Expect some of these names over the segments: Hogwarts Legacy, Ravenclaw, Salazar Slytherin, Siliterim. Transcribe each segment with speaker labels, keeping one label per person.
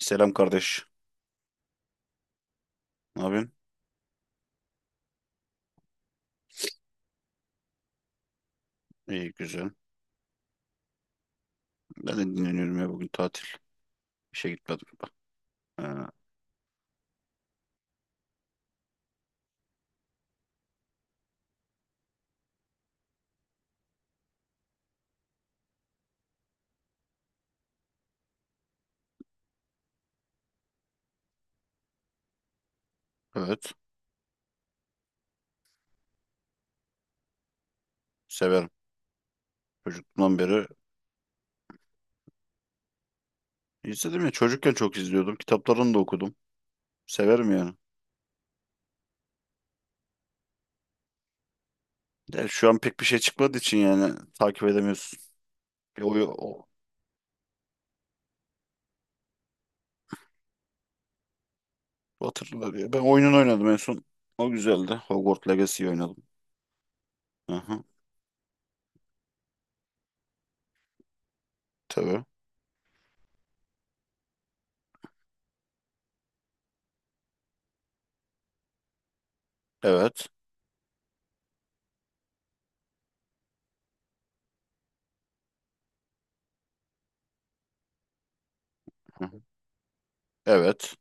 Speaker 1: Selam kardeş. Ne yapıyorsun? İyi güzel. Ben de dinleniyorum ya, bugün tatil. İşe gitmedim. Ee, evet. Severim. Çocukluğumdan beri izledim ya. Çocukken çok izliyordum. Kitaplarını da okudum. Severim yani. De şu an pek bir şey çıkmadığı için yani takip edemiyorsun. Bir oyu o, o hatırlar ya. Ben oyunun oynadım en son. O güzeldi. Hogwarts Legacy oynadım. Aha, tabii. Evet. Hı hı. Evet.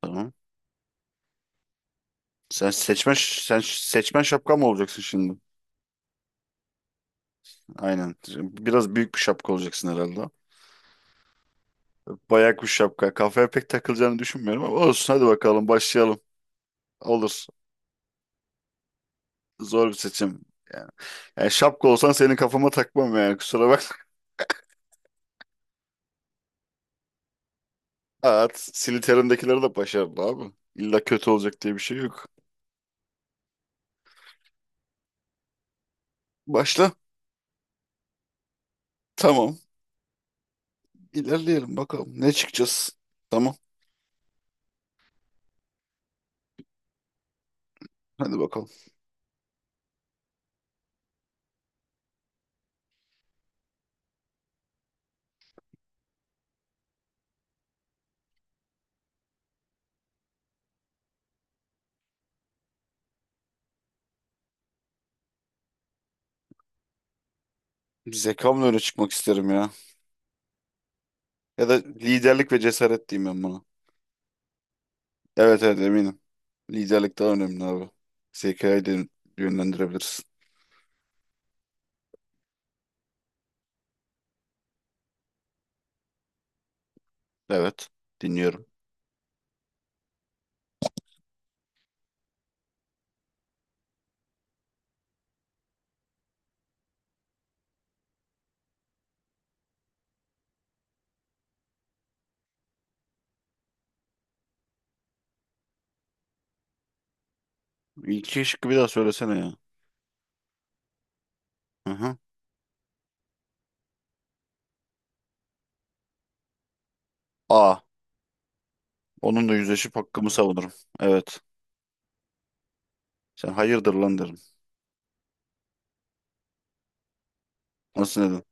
Speaker 1: Tamam. Sen seçmen şapka mı olacaksın şimdi? Aynen. Biraz büyük bir şapka olacaksın herhalde. Bayağı kuş şapka. Kafaya pek takılacağını düşünmüyorum ama olsun, hadi bakalım, başlayalım. Olur. Zor bir seçim. Yani, yani şapka olsan senin kafama takmam, yani kusura bakma. At, Siliterim'dekileri de başarılı abi. İlla kötü olacak diye bir şey yok. Başla. Tamam. İlerleyelim bakalım. Ne çıkacağız? Tamam. Hadi bakalım. Zekamla öne çıkmak isterim ya. Ya da liderlik ve cesaret diyeyim ben buna. Evet, eminim. Liderlik daha önemli abi. Zekayı de yönlendirebilirsin. Evet. Dinliyorum. İlki şıkkı bir daha söylesene ya. Hı hı. A. Onunla yüzleşip hakkımı savunurum. Evet. Sen hayırdır lan derim. Nasıl, neden?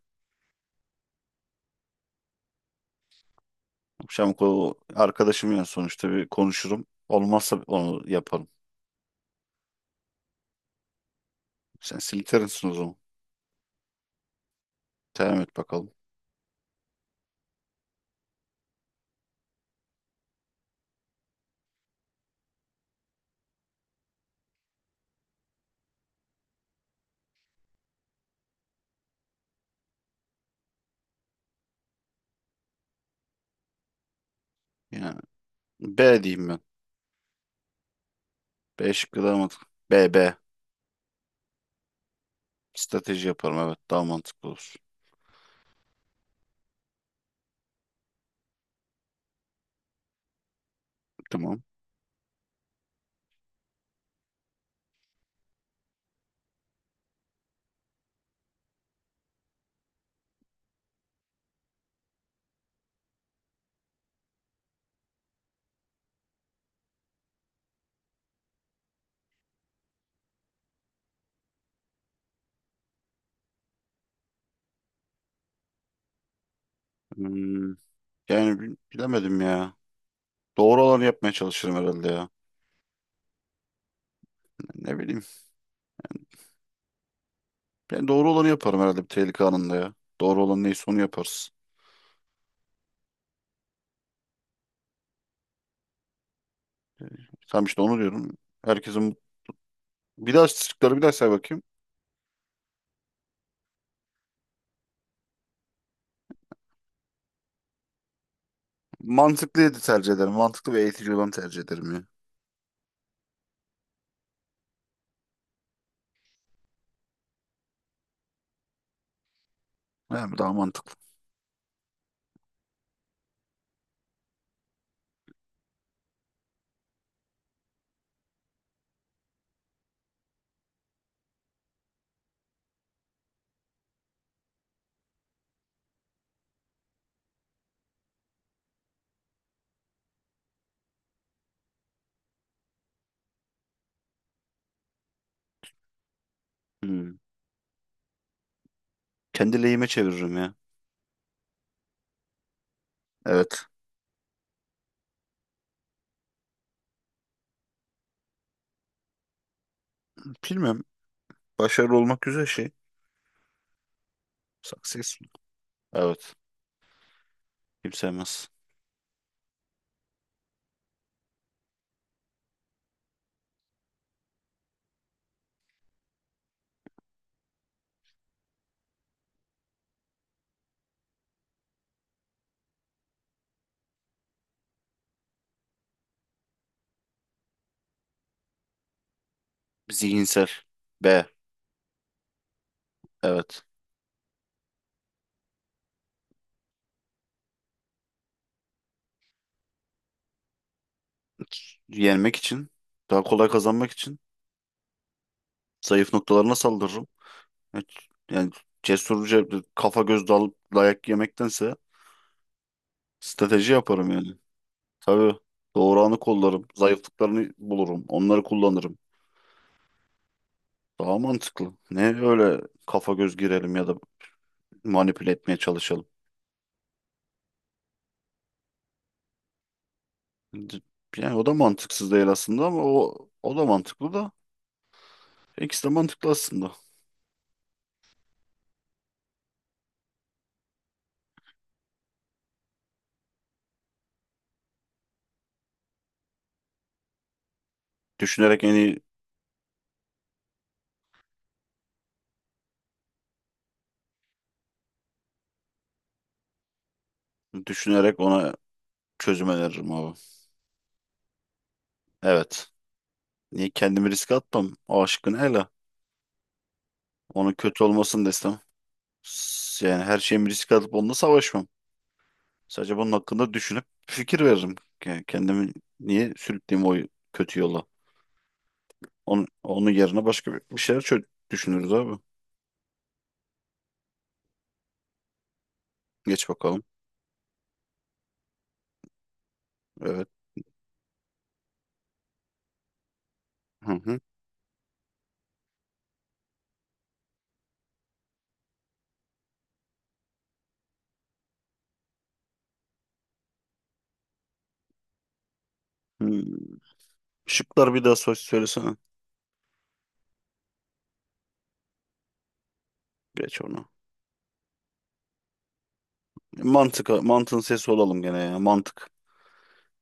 Speaker 1: Akşam arkadaşım ya, sonuçta bir konuşurum. Olmazsa onu yaparım. Sen silterinsin o zaman. Devam et bakalım. Yani B diyeyim ben. B şıkkı daha mantıklı. B, B. Strateji yaparım, evet, daha mantıklı olur. Tamam. Hmm, Bilemedim ya. Doğru olanı yapmaya çalışırım herhalde ya. Ne bileyim. Ben doğru olanı yaparım herhalde bir tehlike anında ya. Doğru olan neyse onu yaparız. Tam işte onu diyorum. Herkesin, bir daha şıkları bir daha say bakayım. Mantıklıydı tercih ederim. Mantıklı ve eğitici olanı tercih ederim ya. Yani daha mantıklı. Hmm. Kendi lehime çeviririm ya. Evet. Bilmem. Başarılı olmak güzel şey. Successful. Evet. Kim sevmez. Zihinsel. B. Evet. Yenmek için. Daha kolay kazanmak için. Zayıf noktalarına saldırırım. Evet. Yani cesurca kafa göz dalıp dayak yemektense strateji yaparım yani. Tabii doğuranı kollarım, zayıflıklarını bulurum, onları kullanırım. Daha mantıklı. Ne öyle kafa göz girelim ya da manipüle etmeye çalışalım. D- Yani o da mantıksız değil aslında, ama o da mantıklı da, İkisi de mantıklı aslında. Düşünerek en iyi Düşünerek ona çözüm öneririm abi. Evet. Niye kendimi riske atmam? O aşkın hele. Onun kötü olmasını da istemem. Yani her şeyimi riske atıp onunla savaşmam. Sadece bunun hakkında düşünüp fikir veririm. Yani kendimi niye sürükleyeyim o kötü yola? Onun yerine başka bir şeyler düşünürüz abi. Geç bakalım. Evet. Hı hı. Hmm. Şıklar bir daha söylesene. Geç onu. Mantığın sesi olalım gene ya. Mantık.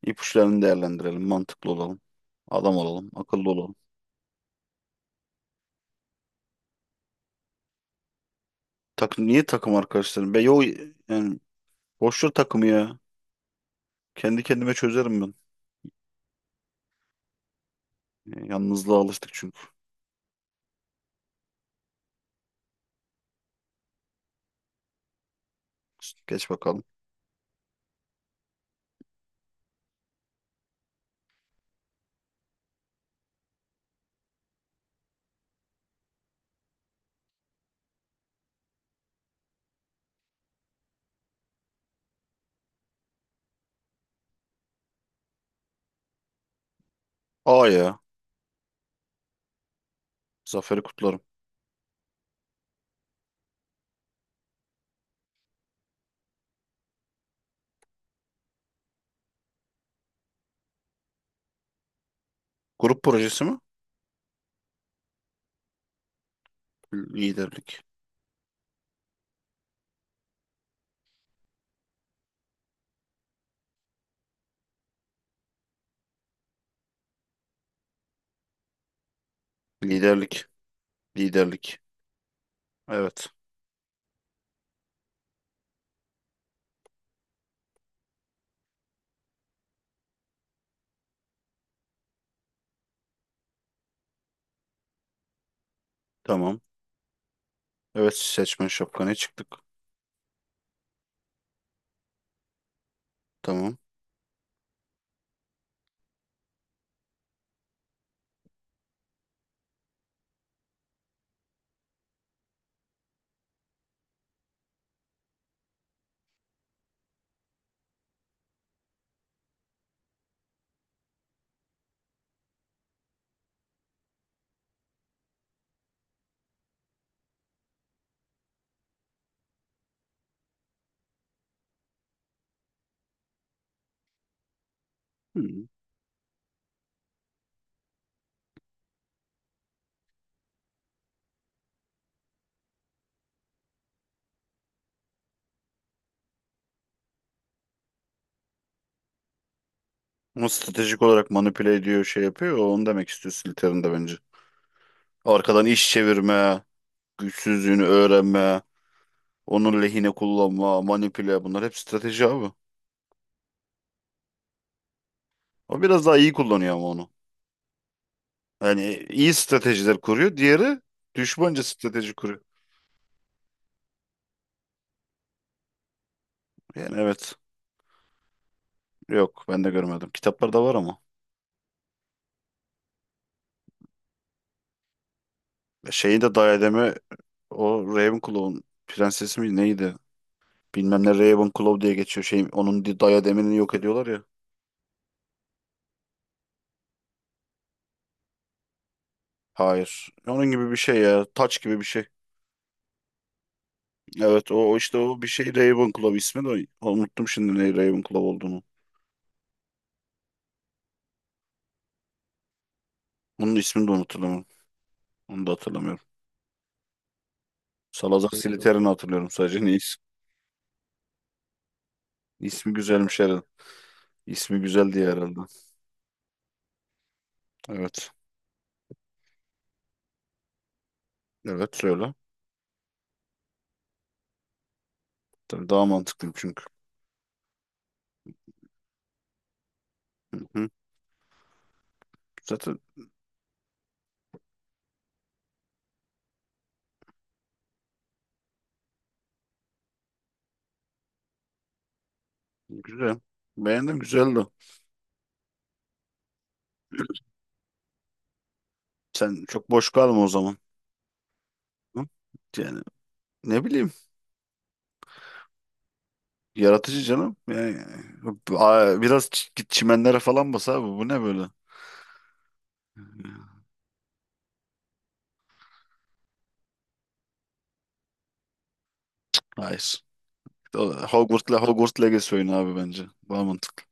Speaker 1: İpuçlarını değerlendirelim. Mantıklı olalım. Adam olalım. Akıllı olalım. Takım, niye takım arkadaşlarım? Be yo, yani boş ver takımı ya. Kendi kendime çözerim ben. Yalnızlığa alıştık çünkü. Geç bakalım. A ya. Zaferi kutlarım. Grup projesi mi? Liderlik. Liderlik. Liderlik. Evet. Tamam. Evet, seçmen şapkana çıktık. Tamam. Hmm. Ama stratejik olarak manipüle ediyor, şey yapıyor. Onu demek istiyorsun, Slytherin bence. Arkadan iş çevirme, güçsüzlüğünü öğrenme, onun lehine kullanma, manipüle, bunlar hep strateji abi. O biraz daha iyi kullanıyor ama onu. Yani iyi stratejiler kuruyor. Diğeri düşmanca strateji kuruyor. Yani evet. Yok, ben de görmedim. Kitaplarda var ama. Şeyi de diademi, o Ravenclaw'un prensesi mi neydi? Bilmem ne Ravenclaw diye geçiyor. Şey, onun diademini yok ediyorlar ya. Hayır. Onun gibi bir şey ya. Taç gibi bir şey. Evet o işte o bir şey Ravenclaw, ismi de unuttum şimdi, ne Ravenclaw olduğunu. Onun ismini de unutulamam. Onu da hatırlamıyorum. Salazar Slytherin'i hatırlıyorum sadece. Ne ismi güzelmiş herhalde. İsmi güzel diye herhalde. Evet. Evet, söyle. Tabii, daha mantıklıyım çünkü. Hı. Zaten güzel. Beğendim, güzeldi. Sen çok boş kalma o zaman. Hı? Yani ne bileyim, yaratıcı canım. Yani biraz git çimenlere falan bas abi. Bu ne böyle? Hayır. Hogwarts Legacy oyunu abi bence. Daha mantıklı.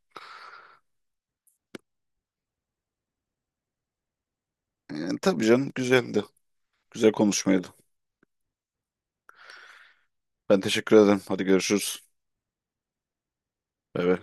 Speaker 1: Yani, tabii canım, güzeldi. Güzel konuşmaydı. Ben teşekkür ederim. Hadi görüşürüz. Bay bay.